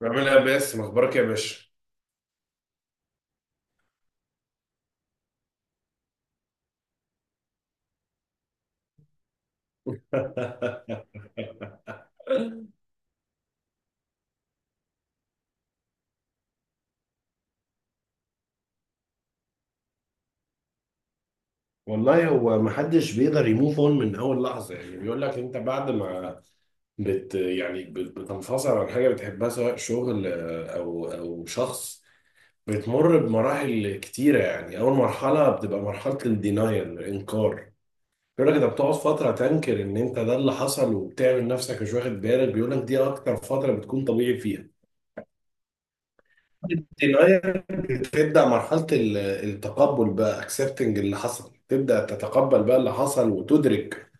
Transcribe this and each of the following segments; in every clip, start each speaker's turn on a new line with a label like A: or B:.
A: بعملها بس مخبرك يا باشا. والله هو ما حدش بيقدر يموف اون من اول لحظه. يعني بيقول لك انت بعد ما بتنفصل عن حاجه بتحبها، سواء شغل، او شخص، بتمر بمراحل كتيره. يعني اول مرحله بتبقى مرحله الدينايل، الانكار. بيقول لك انت بتقعد فتره تنكر ان انت ده اللي حصل، وبتعمل نفسك مش واخد بالك. بيقول لك دي اكتر فتره بتكون طبيعي فيها. تبدأ مرحلة التقبل بقى، اكسبتنج اللي حصل، تبدأ تتقبل بقى اللي حصل وتدرك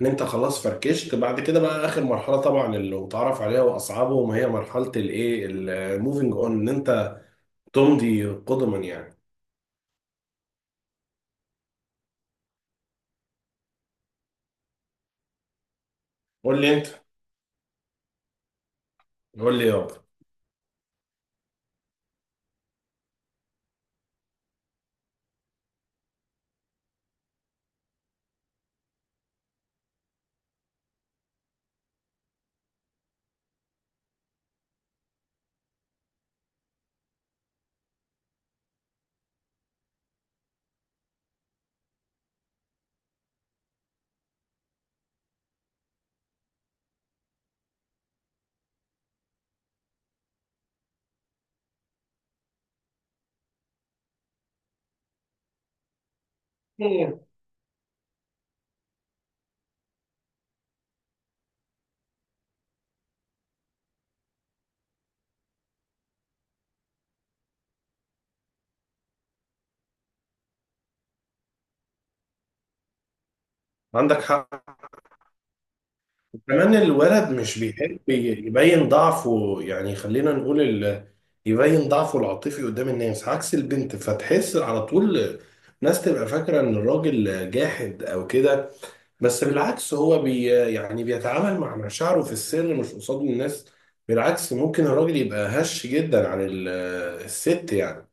A: ان انت خلاص فركشت. بعد كده بقى اخر مرحلة، طبعا اللي متعرف عليها واصعبهم، هي مرحلة الايه، الموفينج اون، ان انت تمضي قدما يعني. قول لي انت. قول لي يابا. ايه، عندك حق. كمان الولد مش بيحب يبين ضعفه، يعني خلينا نقول يبين ضعفه العاطفي قدام الناس، عكس البنت فتحس على طول. ناس تبقى فاكرة ان الراجل جاحد او كده، بس بالعكس يعني بيتعامل مع مشاعره في السر مش قصاد الناس. بالعكس ممكن الراجل يبقى هش جدا عن الست يعني.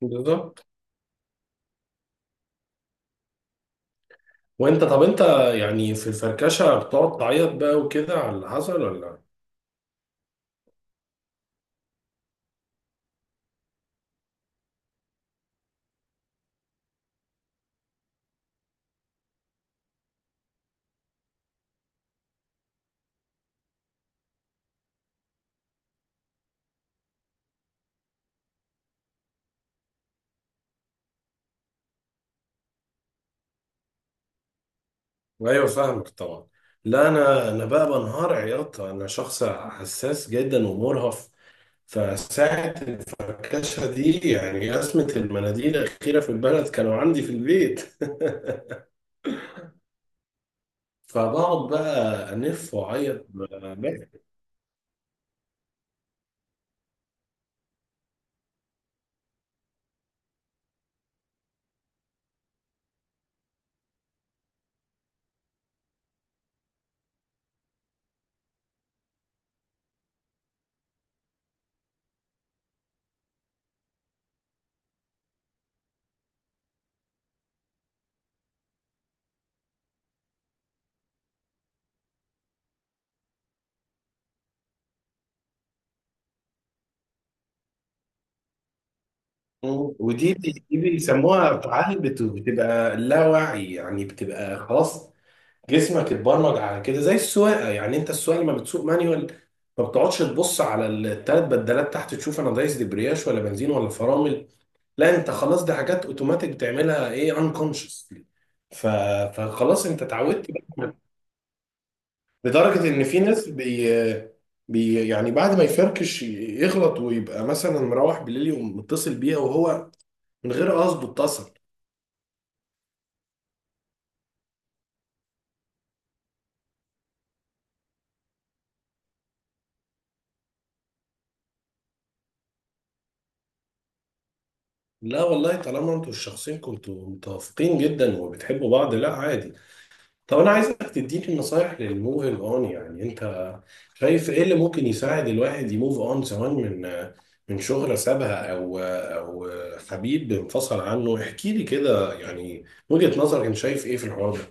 A: بالظبط. وانت طب انت، يعني في الفركشة بتقعد تعيط بقى وكده على اللي حصل ولا؟ ايوه، فاهمك طبعا. لا، انا بقى بنهار عياط، انا شخص حساس جدا ومرهف. فساعة الفركشة دي يعني أزمة المناديل الأخيرة في البلد كانوا عندي في البيت. فبقعد بقى أنف وأعيط بقى. ودي بيسموها تعالي، بتبقى لا وعي يعني، بتبقى خلاص جسمك اتبرمج على كده. زي السواقه يعني، انت السواقه لما بتسوق مانيوال ما بتقعدش تبص على الثلاث بدلات تحت تشوف انا دايس دبرياش ولا بنزين ولا فرامل. لا، انت خلاص دي حاجات اوتوماتيك بتعملها، ايه، انكونشس. ف... فخلاص انت اتعودت بقى. لدرجه ان في ناس بي... بي يعني بعد ما يفركش يغلط ويبقى مثلا مروح بالليل، يقوم متصل بيها وهو من غير قصده اتصل. لا والله، طالما انتوا الشخصين كنتوا متوافقين جدا وبتحبوا بعض، لا عادي. طب انا عايزك تديني نصايح للموفينج اون. يعني انت شايف ايه اللي ممكن يساعد الواحد يموف اون، سواء من شغلة سابها او حبيب انفصل عنه؟ احكي لي كده يعني وجهة نظرك، انت شايف ايه في الحوار ده.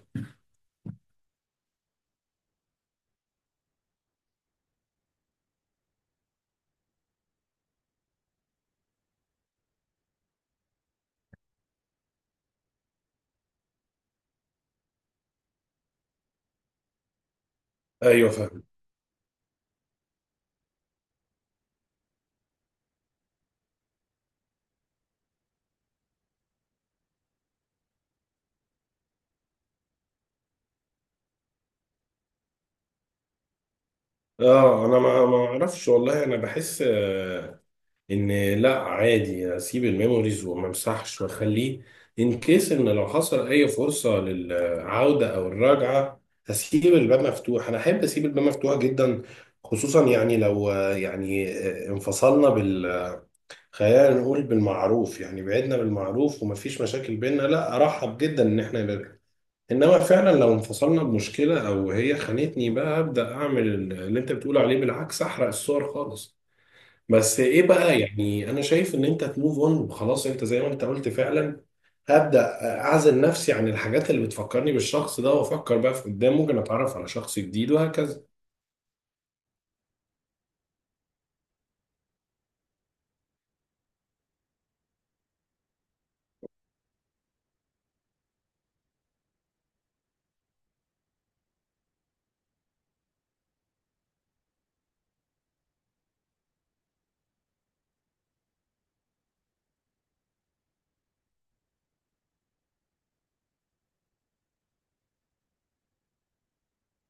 A: ايوه، فاهم. اه، انا ما اعرفش. والله انا بحس ان... لا، عادي اسيب الميموريز وما امسحش واخليه، ان كيس ان لو حصل اي فرصه للعوده او الرجعه هسيب الباب مفتوح. انا احب اسيب الباب مفتوح جدا، خصوصا يعني لو يعني انفصلنا خلينا نقول بالمعروف، يعني بعدنا بالمعروف ومفيش مشاكل بينا، لا ارحب جدا ان احنا نرجع. انما فعلا لو انفصلنا بمشكله او هي خانتني بقى، ابدا اعمل اللي انت بتقول عليه، بالعكس احرق الصور خالص. بس ايه بقى، يعني انا شايف ان انت تموف اون وخلاص. انت زي ما انت قلت فعلا، هبدأ اعزل نفسي عن الحاجات اللي بتفكرني بالشخص ده، وافكر بقى في قدام، ممكن اتعرف على شخص جديد وهكذا.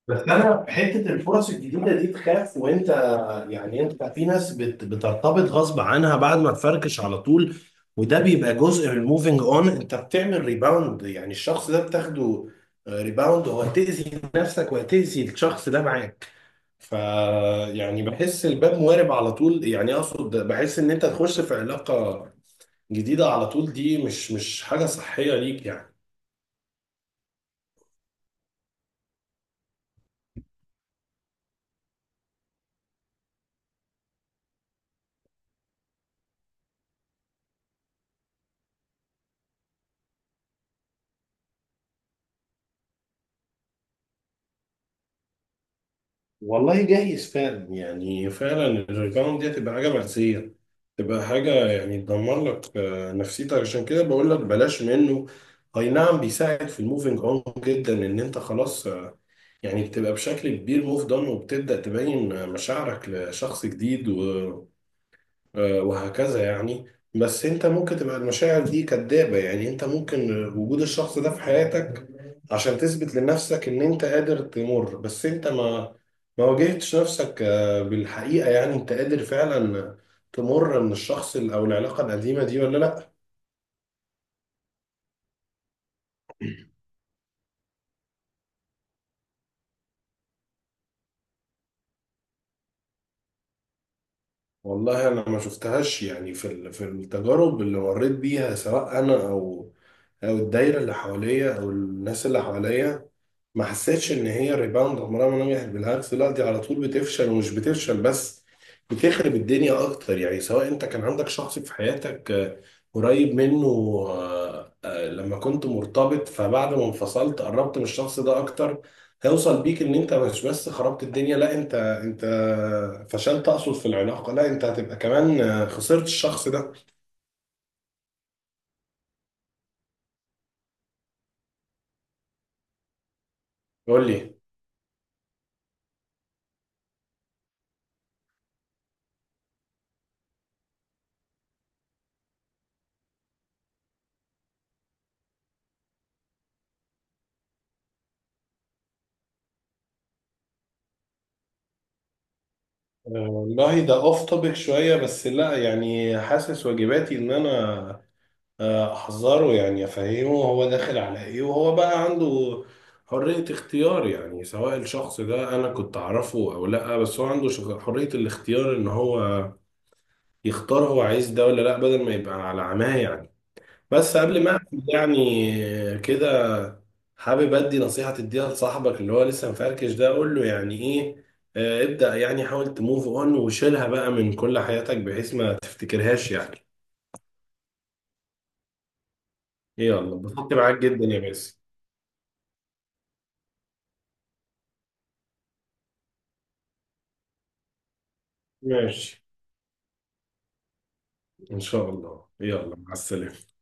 A: بس انا حته الفرص الجديده دي تخاف. وانت يعني انت في ناس بترتبط غصب عنها بعد ما تفركش على طول، وده بيبقى جزء من الموفينج اون، انت بتعمل ريباوند. يعني الشخص ده بتاخده ريباوند، وهتأذي نفسك وهتأذي الشخص ده معاك. ف يعني بحس الباب موارب على طول، يعني اقصد بحس ان انت تخش في علاقة جديدة على طول، دي مش حاجة صحية ليك يعني. والله جايز فعلا، يعني فعلا الريباوند دي هتبقى حاجة مأساة، تبقى حاجة يعني تدمر لك نفسيتك، عشان كده بقول لك بلاش منه. اي نعم بيساعد في الموفينج اون جدا، ان انت خلاص يعني بتبقى بشكل كبير موف دون وبتبدأ تبين مشاعرك لشخص جديد، وهكذا يعني. بس انت ممكن تبقى المشاعر دي كدابة، يعني انت ممكن وجود الشخص ده في حياتك عشان تثبت لنفسك ان انت قادر تمر، بس انت ما واجهتش نفسك بالحقيقة. يعني انت قادر فعلا تمر من الشخص او العلاقة القديمة دي ولا لا؟ والله انا ما شفتهاش، يعني في في التجارب اللي مريت بيها، سواء انا او الدايرة اللي حواليا او الناس اللي حواليا، ما حسيتش ان هي ريباوند. عمرها ما نجحت، بالعكس، لا دي على طول بتفشل. ومش بتفشل بس، بتخرب الدنيا اكتر. يعني سواء انت كان عندك شخص في حياتك قريب منه، لما كنت مرتبط، فبعد ما انفصلت قربت من الشخص ده اكتر، هيوصل بيك ان انت مش بس خربت الدنيا، لا انت فشلت، اقصد في العلاقة، لا انت هتبقى كمان خسرت الشخص ده. قول لي. والله ده اوف توبيك شوية، بس لا يعني حاسس واجباتي ان انا احذره، يعني افهمه هو داخل على ايه، وهو بقى عنده حرية اختيار. يعني سواء الشخص ده انا كنت اعرفه او لا، بس هو عنده حرية الاختيار ان هو يختار هو عايز ده ولا لا، بدل ما يبقى على عماه يعني. بس قبل ما أقفل يعني كده، حابب ادي نصيحة تديها لصاحبك اللي هو لسه مفركش ده، اقول له يعني ايه. ابدأ يعني حاول تموف اون وشيلها بقى من كل حياتك، بحيث ما تفتكرهاش يعني. يلا اتبسطت معاك جدا يا باسم. ماشي، إن شاء الله. يلا مع السلامة.